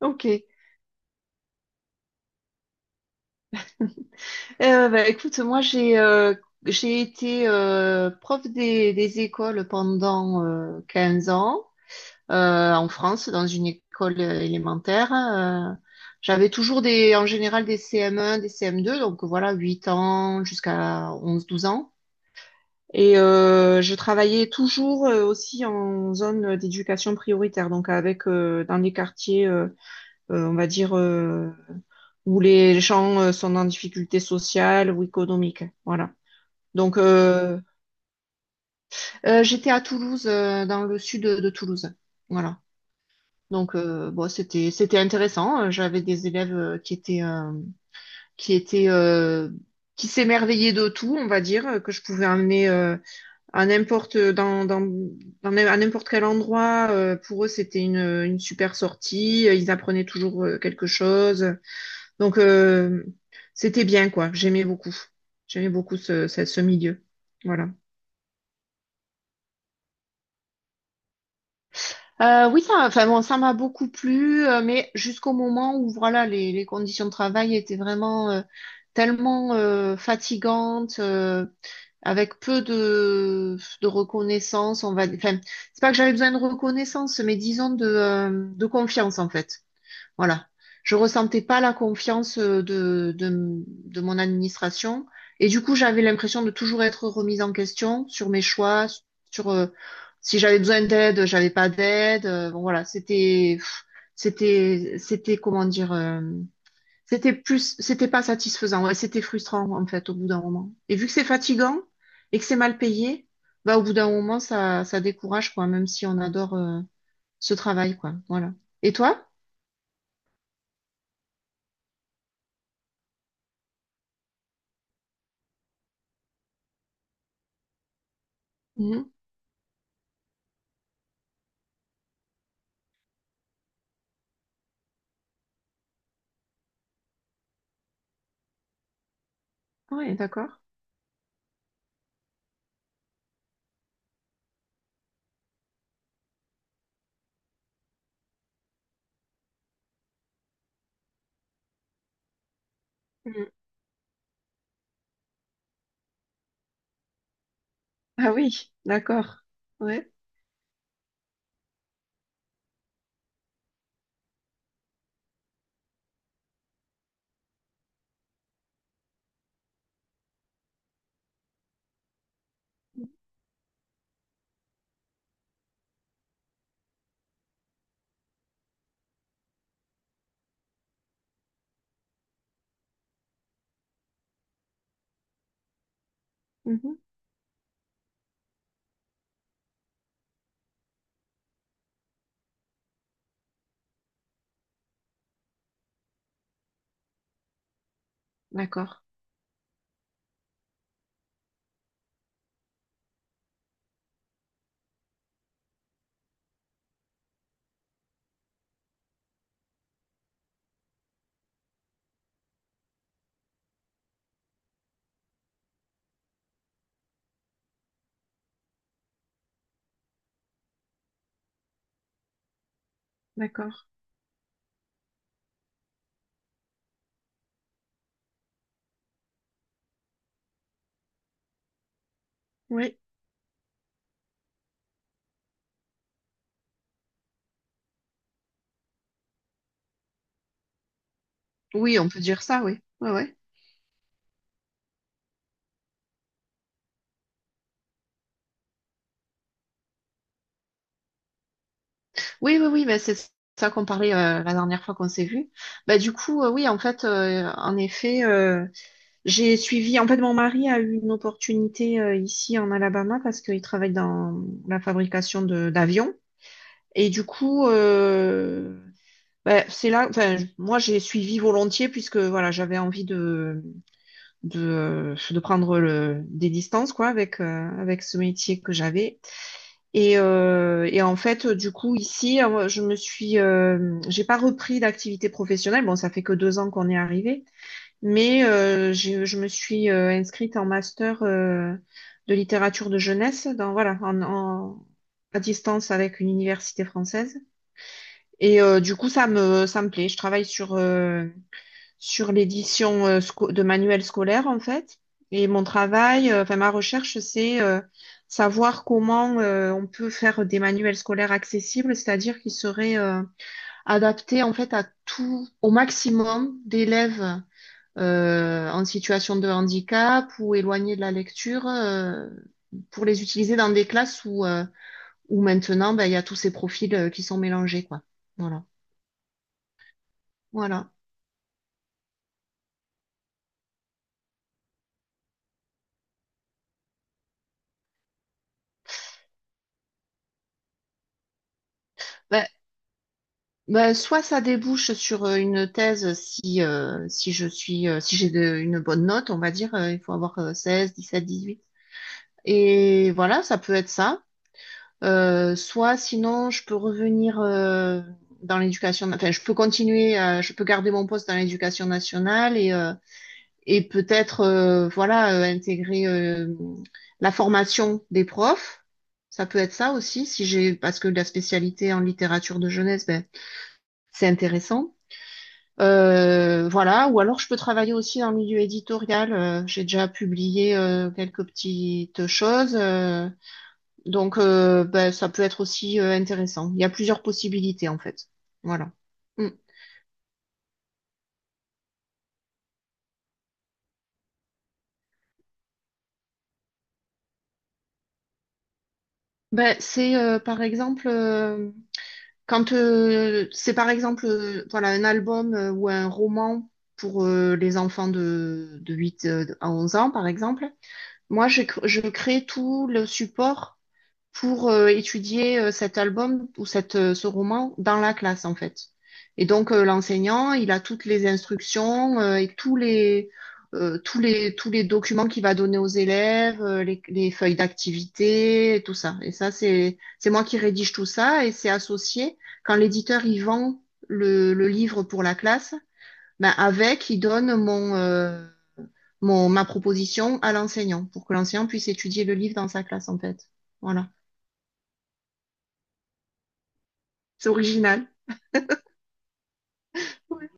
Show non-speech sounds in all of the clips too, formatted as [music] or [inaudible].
Ok. Bah, écoute, moi j'ai été prof des écoles pendant 15 ans en France, dans une école élémentaire. J'avais toujours en général des CM1, des CM2, donc voilà, 8 ans jusqu'à 11-12 ans. Et je travaillais toujours aussi en zone d'éducation prioritaire, donc avec dans des quartiers, on va dire, où les gens sont en difficulté sociale ou économique. Voilà. Donc, j'étais à Toulouse, dans le sud de Toulouse. Voilà. Donc, bon, c'était intéressant. J'avais des élèves qui étaient euh, qui s'émerveillaient de tout, on va dire, que je pouvais emmener à n'importe dans, dans, dans n'im- à n'importe quel endroit. Pour eux, c'était une super sortie. Ils apprenaient toujours quelque chose. Donc, c'était bien, quoi. J'aimais beaucoup. J'aimais beaucoup ce milieu. Voilà. Oui, ça, enfin bon, ça m'a beaucoup plu, mais jusqu'au moment où voilà, les conditions de travail étaient vraiment tellement fatigantes, avec peu de reconnaissance, enfin, c'est pas que j'avais besoin de reconnaissance, mais disons de confiance en fait. Voilà. Je ressentais pas la confiance de mon administration. Et du coup, j'avais l'impression de toujours être remise en question sur mes choix, sur si j'avais besoin d'aide, j'avais pas d'aide. Bon, voilà, c'était, pff, c'était, c'était, comment dire, c'était pas satisfaisant. Ouais, c'était frustrant, en fait, au bout d'un moment. Et vu que c'est fatigant et que c'est mal payé, bah, au bout d'un moment, ça décourage, quoi, même si on adore, ce travail, quoi. Voilà. Et toi? Mhm. Oui, d'accord. Mm. Ah oui, d'accord. Ouais. Mhm. D'accord, d'accord. Oui. Oui, on peut dire ça, oui. Ouais, ouais. Oui, oui, oui, bah, c'est ça qu'on parlait la dernière fois qu'on s'est vu. Bah, du coup, oui, en fait, en effet, j'ai suivi, en fait, mon mari a eu une opportunité ici en Alabama parce qu'il travaille dans la fabrication de d'avions. Et du coup, ben, c'est là, enfin, moi, j'ai suivi volontiers puisque voilà, j'avais envie de prendre des distances quoi, avec ce métier que j'avais. Et en fait, du coup, ici, j'ai pas repris d'activité professionnelle. Bon, ça fait que 2 ans qu'on est arrivé. Mais je me suis inscrite en master de littérature de jeunesse voilà, à distance avec une université française. Et du coup, ça me plaît. Je travaille sur l'édition de manuels scolaires, en fait. Et mon travail, enfin ma recherche, c'est savoir comment on peut faire des manuels scolaires accessibles, c'est-à-dire qu'ils seraient adaptés en fait à tout, au maximum d'élèves en situation de handicap ou éloignés de la lecture pour les utiliser dans des classes où maintenant ben, il y a tous ces profils qui sont mélangés, quoi. Voilà. Voilà. Ben, soit ça débouche sur une thèse si, si je suis si j'ai une bonne note, on va dire, il faut avoir 16, 18. Et voilà, ça peut être ça. Soit sinon, je peux revenir dans l'éducation, enfin, je peux continuer, je peux garder mon poste dans l'éducation nationale et peut-être voilà intégrer la formation des profs. Ça peut être ça aussi si j'ai parce que la spécialité en littérature de jeunesse, ben, c'est intéressant. Voilà, ou alors je peux travailler aussi dans le milieu éditorial. J'ai déjà publié quelques petites choses, ça peut être aussi intéressant. Il y a plusieurs possibilités en fait. Voilà. Mm. Ben, c'est par exemple Quand c'est par exemple voilà, un album ou un roman pour les enfants de 8 à 11 ans, par exemple, je crée tout le support pour étudier cet album ou ce roman dans la classe, en fait. Et donc, l'enseignant, il a toutes les instructions et tous les documents qu'il va donner aux élèves, les feuilles d'activité, et tout ça. Et ça, c'est moi qui rédige tout ça et c'est associé. Quand l'éditeur, il vend le livre pour la classe, ben avec, il donne ma proposition à l'enseignant pour que l'enseignant puisse étudier le livre dans sa classe, en fait. Voilà. C'est original. Ouais.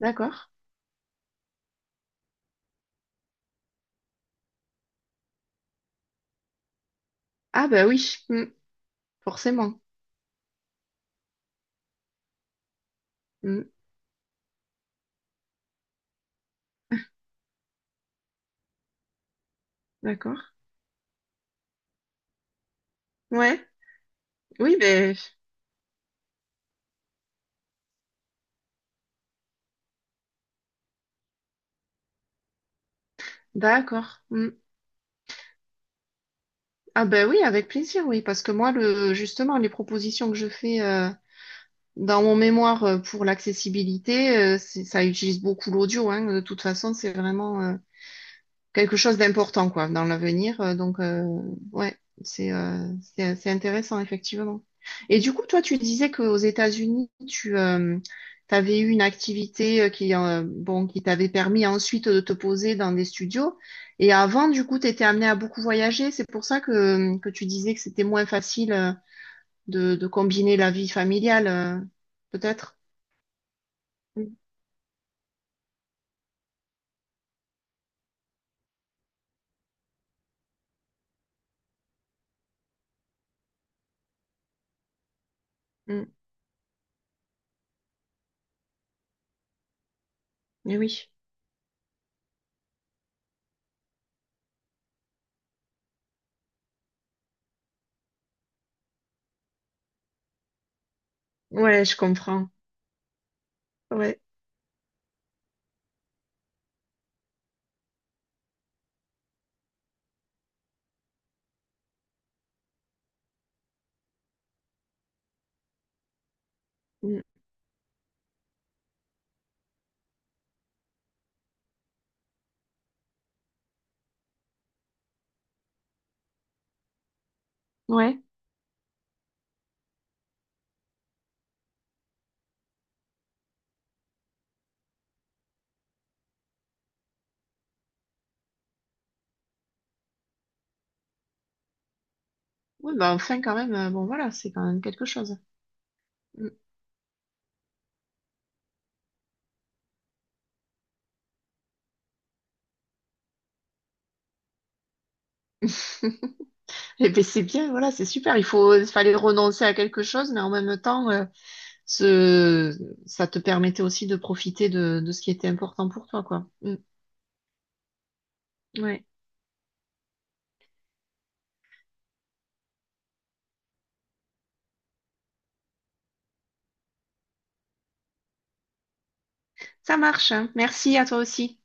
D'accord. Ah bah oui, forcément. Mm, d'accord. Ouais. Oui, ben d'accord. Mm. Ah bah oui, avec plaisir, oui, parce que moi, justement, les propositions que je fais dans mon mémoire pour l'accessibilité, ça utilise beaucoup l'audio, hein. De toute façon, c'est vraiment quelque chose d'important quoi dans l'avenir. Ouais, c'est c'est intéressant effectivement. Et du coup, toi, tu disais qu'aux États-Unis, tu avais eu une activité qui bon qui t'avait permis ensuite de te poser dans des studios. Et avant, du coup, tu étais amené à beaucoup voyager. C'est pour ça que tu disais que c'était moins facile de combiner la vie familiale, peut-être. Mm, mm. Mais oui. Ouais, je comprends. Ouais. Mm. Ouais. Oui, bah enfin quand même, bon voilà, c'est quand même quelque chose. Mm. [laughs] Et puis c'est bien, voilà, c'est super. Il fallait renoncer à quelque chose, mais en même temps, ce, ça te permettait aussi de profiter de ce qui était important pour toi, quoi. Mm. Ouais. Ça marche, hein. Merci à toi aussi.